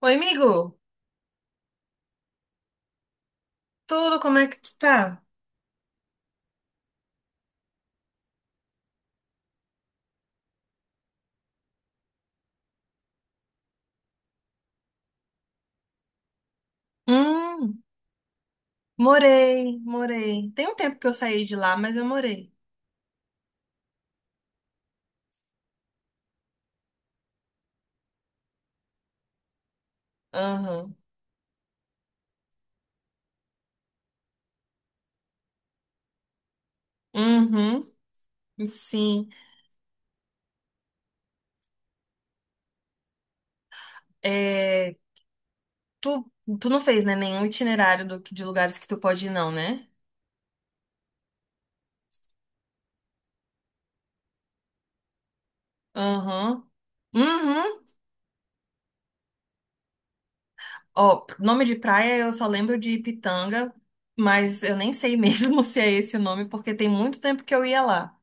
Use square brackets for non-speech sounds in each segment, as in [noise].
Oi, amigo. Tudo, como é que tu tá? Hum, morei, morei. Tem um tempo que eu saí de lá, mas eu morei. Aham. Uhum. Sim. É, tu, tu não fez, né, nenhum itinerário de lugares que tu pode ir, não, né? Aham. Uhum. Ó, nome de praia eu só lembro de Pitanga, mas eu nem sei mesmo [laughs] se é esse o nome, porque tem muito tempo que eu ia lá.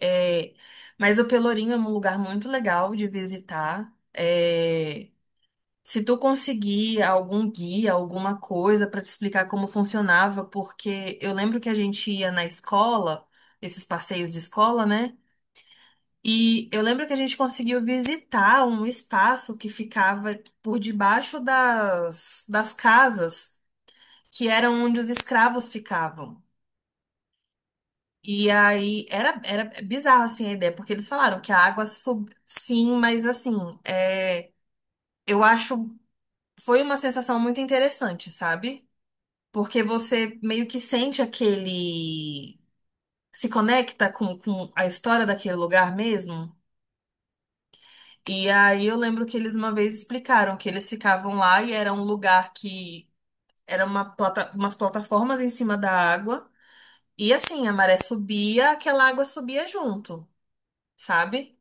É, mas o Pelourinho é um lugar muito legal de visitar. Se tu conseguir algum guia, alguma coisa pra te explicar como funcionava, porque eu lembro que a gente ia na escola, esses passeios de escola, né? E eu lembro que a gente conseguiu visitar um espaço que ficava por debaixo das casas, que eram onde os escravos ficavam. E aí era bizarro assim a ideia, porque eles falaram que a água sim, mas assim, é, eu acho foi uma sensação muito interessante, sabe? Porque você meio que sente aquele. Se conecta com a história daquele lugar mesmo. E aí eu lembro que eles uma vez explicaram que eles ficavam lá e era um lugar que era uma umas plataformas em cima da água. E assim, a maré subia, aquela água subia junto, sabe?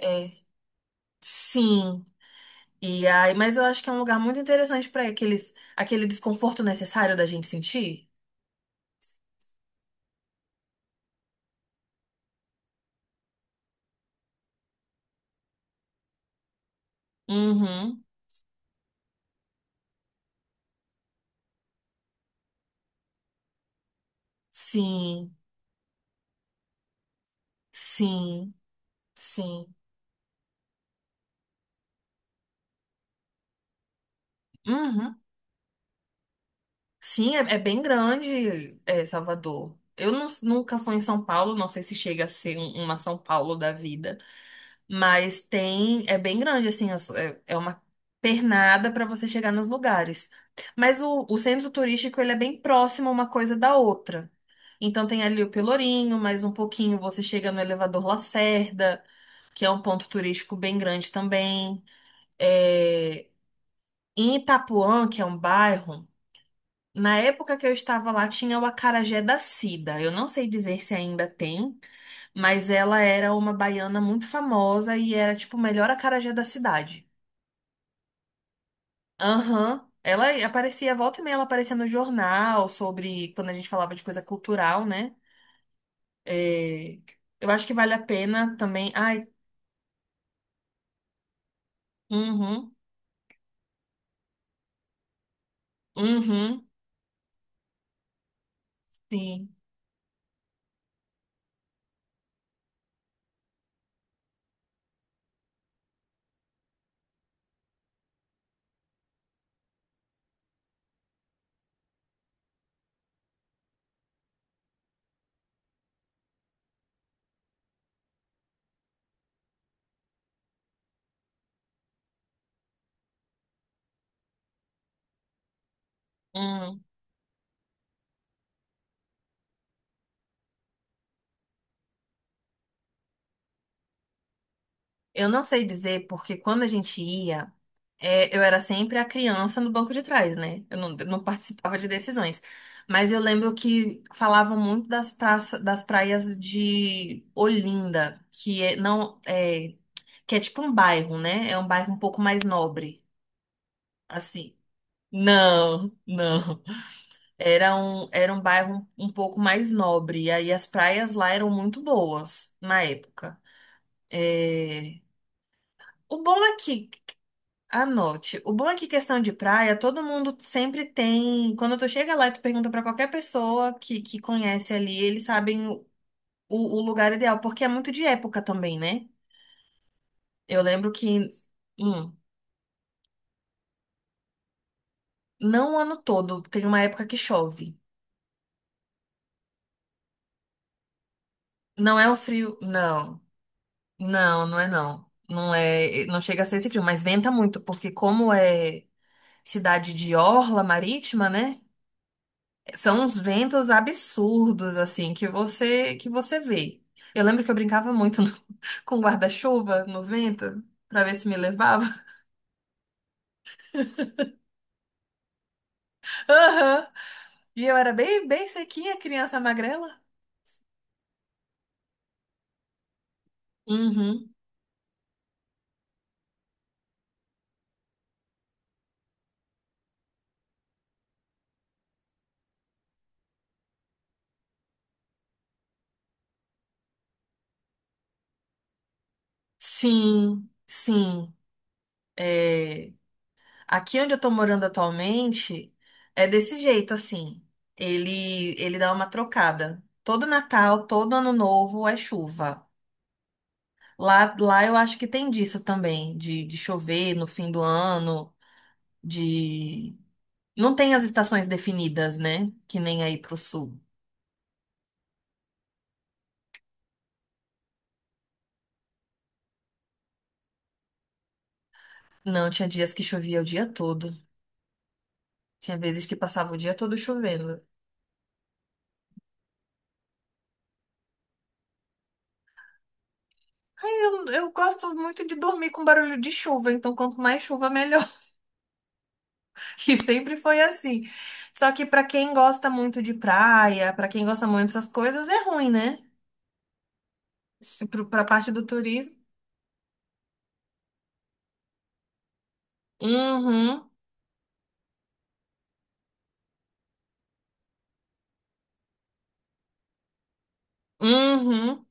É, sim. E aí, mas eu acho que é um lugar muito interessante para aquele desconforto necessário da gente sentir. Uhum. Sim, sim, sim. Uhum. Sim, é bem grande, Salvador. Eu nunca fui em São Paulo, não sei se chega a ser uma São Paulo da vida, mas tem, é bem grande, assim, é uma pernada para você chegar nos lugares. Mas o centro turístico, ele é bem próximo uma coisa da outra. Então tem ali o Pelourinho, mais um pouquinho você chega no Elevador Lacerda, que é um ponto turístico bem grande também. É, Em Itapuã, que é um bairro. Na época que eu estava lá, tinha o acarajé da Cida. Eu não sei dizer se ainda tem, mas ela era uma baiana muito famosa e era, tipo, o melhor acarajé da cidade. Aham. Ela aparecia, volta e meia, ela aparecia no jornal sobre quando a gente falava de coisa cultural, né? É, Eu acho que vale a pena também. Ai, uhum, uhum, sim. Hum. Eu não sei dizer porque quando a gente ia, eu era sempre a criança no banco de trás, né? Eu não participava de decisões. Mas eu lembro que falavam muito das praças, das praias de Olinda, que é, não, é, que é tipo um bairro, né? É um bairro um pouco mais nobre, assim. Não, não. Era um bairro um pouco mais nobre. E aí as praias lá eram muito boas na época. É, o bom é que anote. O bom é que questão de praia, todo mundo sempre tem. Quando tu chega lá e tu pergunta pra qualquer pessoa que conhece ali, eles sabem o lugar ideal, porque é muito de época também, né? Eu lembro que, hum, não o ano todo, tem uma época que chove. Não é o frio, não. Não, não é não. Não é, não chega a ser esse frio, mas venta muito, porque como é cidade de orla marítima, né? São uns ventos absurdos, assim, que você vê. Eu lembro que eu brincava muito [laughs] com guarda-chuva no vento, pra ver se me levava. [laughs] Aham. E eu era bem, bem sequinha, criança magrela. Uhum. Sim, sim. É, Aqui onde eu tô morando atualmente, é desse jeito, assim. Ele dá uma trocada. Todo Natal, todo Ano Novo é chuva. Lá eu acho que tem disso também, de chover no fim do ano, de. Não tem as estações definidas, né? Que nem aí pro sul. Não, tinha dias que chovia o dia todo. Tinha vezes que passava o dia todo chovendo. Aí eu gosto muito de dormir com barulho de chuva, então quanto mais chuva, melhor. [laughs] E sempre foi assim. Só que pra quem gosta muito de praia, pra quem gosta muito dessas coisas, é ruim, né? Se pro- Pra parte do turismo. Uhum, uhum.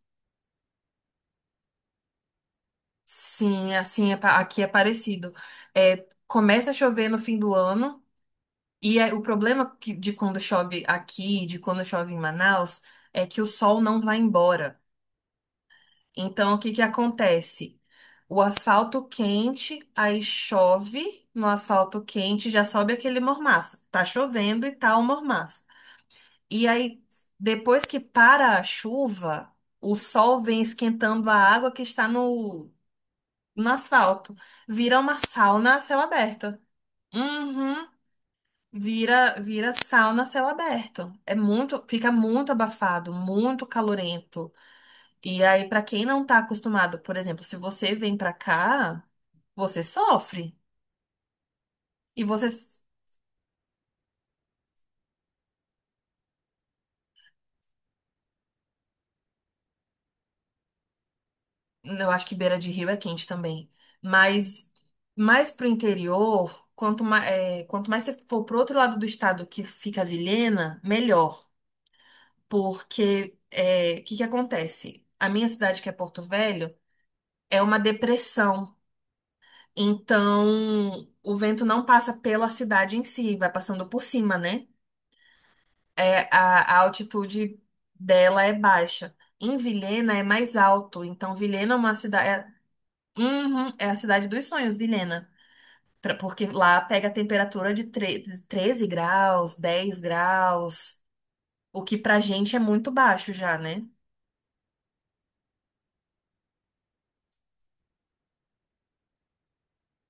Sim, assim aqui é parecido. Começa a chover no fim do ano, e o problema de quando chove aqui, de quando chove em Manaus, é que o sol não vai embora. Então, o que que acontece? O asfalto quente, aí chove no asfalto quente, já sobe aquele mormaço. Tá chovendo e tá o mormaço. E aí, depois que para a chuva, o sol vem esquentando a água que está no asfalto. Vira uma sauna a céu aberto. Uhum. Vira sauna a céu aberto. Fica muito abafado, muito calorento. E aí, pra quem não tá acostumado, por exemplo, se você vem pra cá, você sofre. E você, eu acho que beira de rio é quente também. Mas mais pro interior, quanto mais você for pro outro lado do estado que fica a Vilhena, melhor. Porque o que que acontece? A minha cidade, que é Porto Velho, é uma depressão. Então, o vento não passa pela cidade em si, vai passando por cima, né? A altitude dela é baixa. Em Vilhena é mais alto. Então, Vilhena é uma cidade. Uhum, é a cidade dos sonhos, Vilhena. Porque lá pega a temperatura de 13 graus, 10 graus, o que pra gente é muito baixo já, né?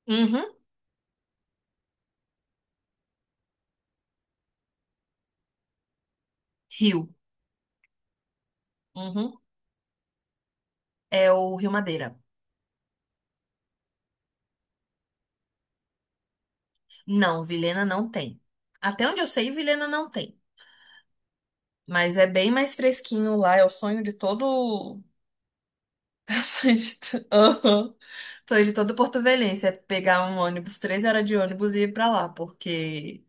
Uhum. Rio. Uhum. É o Rio Madeira. Não, Vilhena não tem. Até onde eu sei, Vilhena não tem. Mas é bem mais fresquinho lá. É o sonho de todo. [laughs] É o sonho de, to- Aham. Sonho de todo porto-velhense. É pegar um ônibus, 3 horas de ônibus e ir pra lá. Porque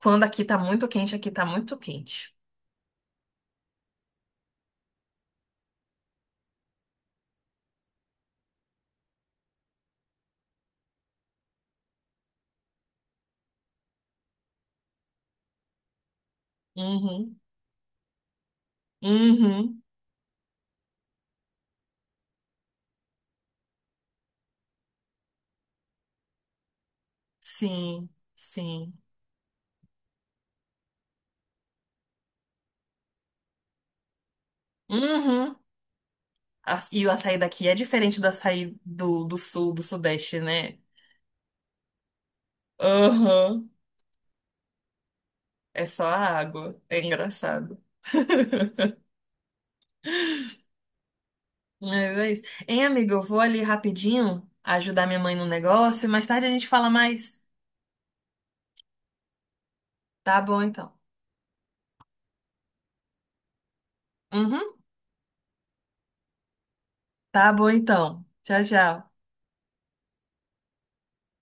quando aqui tá muito quente, aqui tá muito quente. Uhum. Uhum. Sim. Sim. Uhum. E o açaí daqui é diferente do açaí do sul, do sudeste, né? Aham. É só a água. É engraçado. [laughs] Mas é isso. Hein, amigo, eu vou ali rapidinho ajudar minha mãe no negócio e mais tarde a gente fala mais. Tá bom, então. Uhum. Tá bom, então. Tchau, tchau.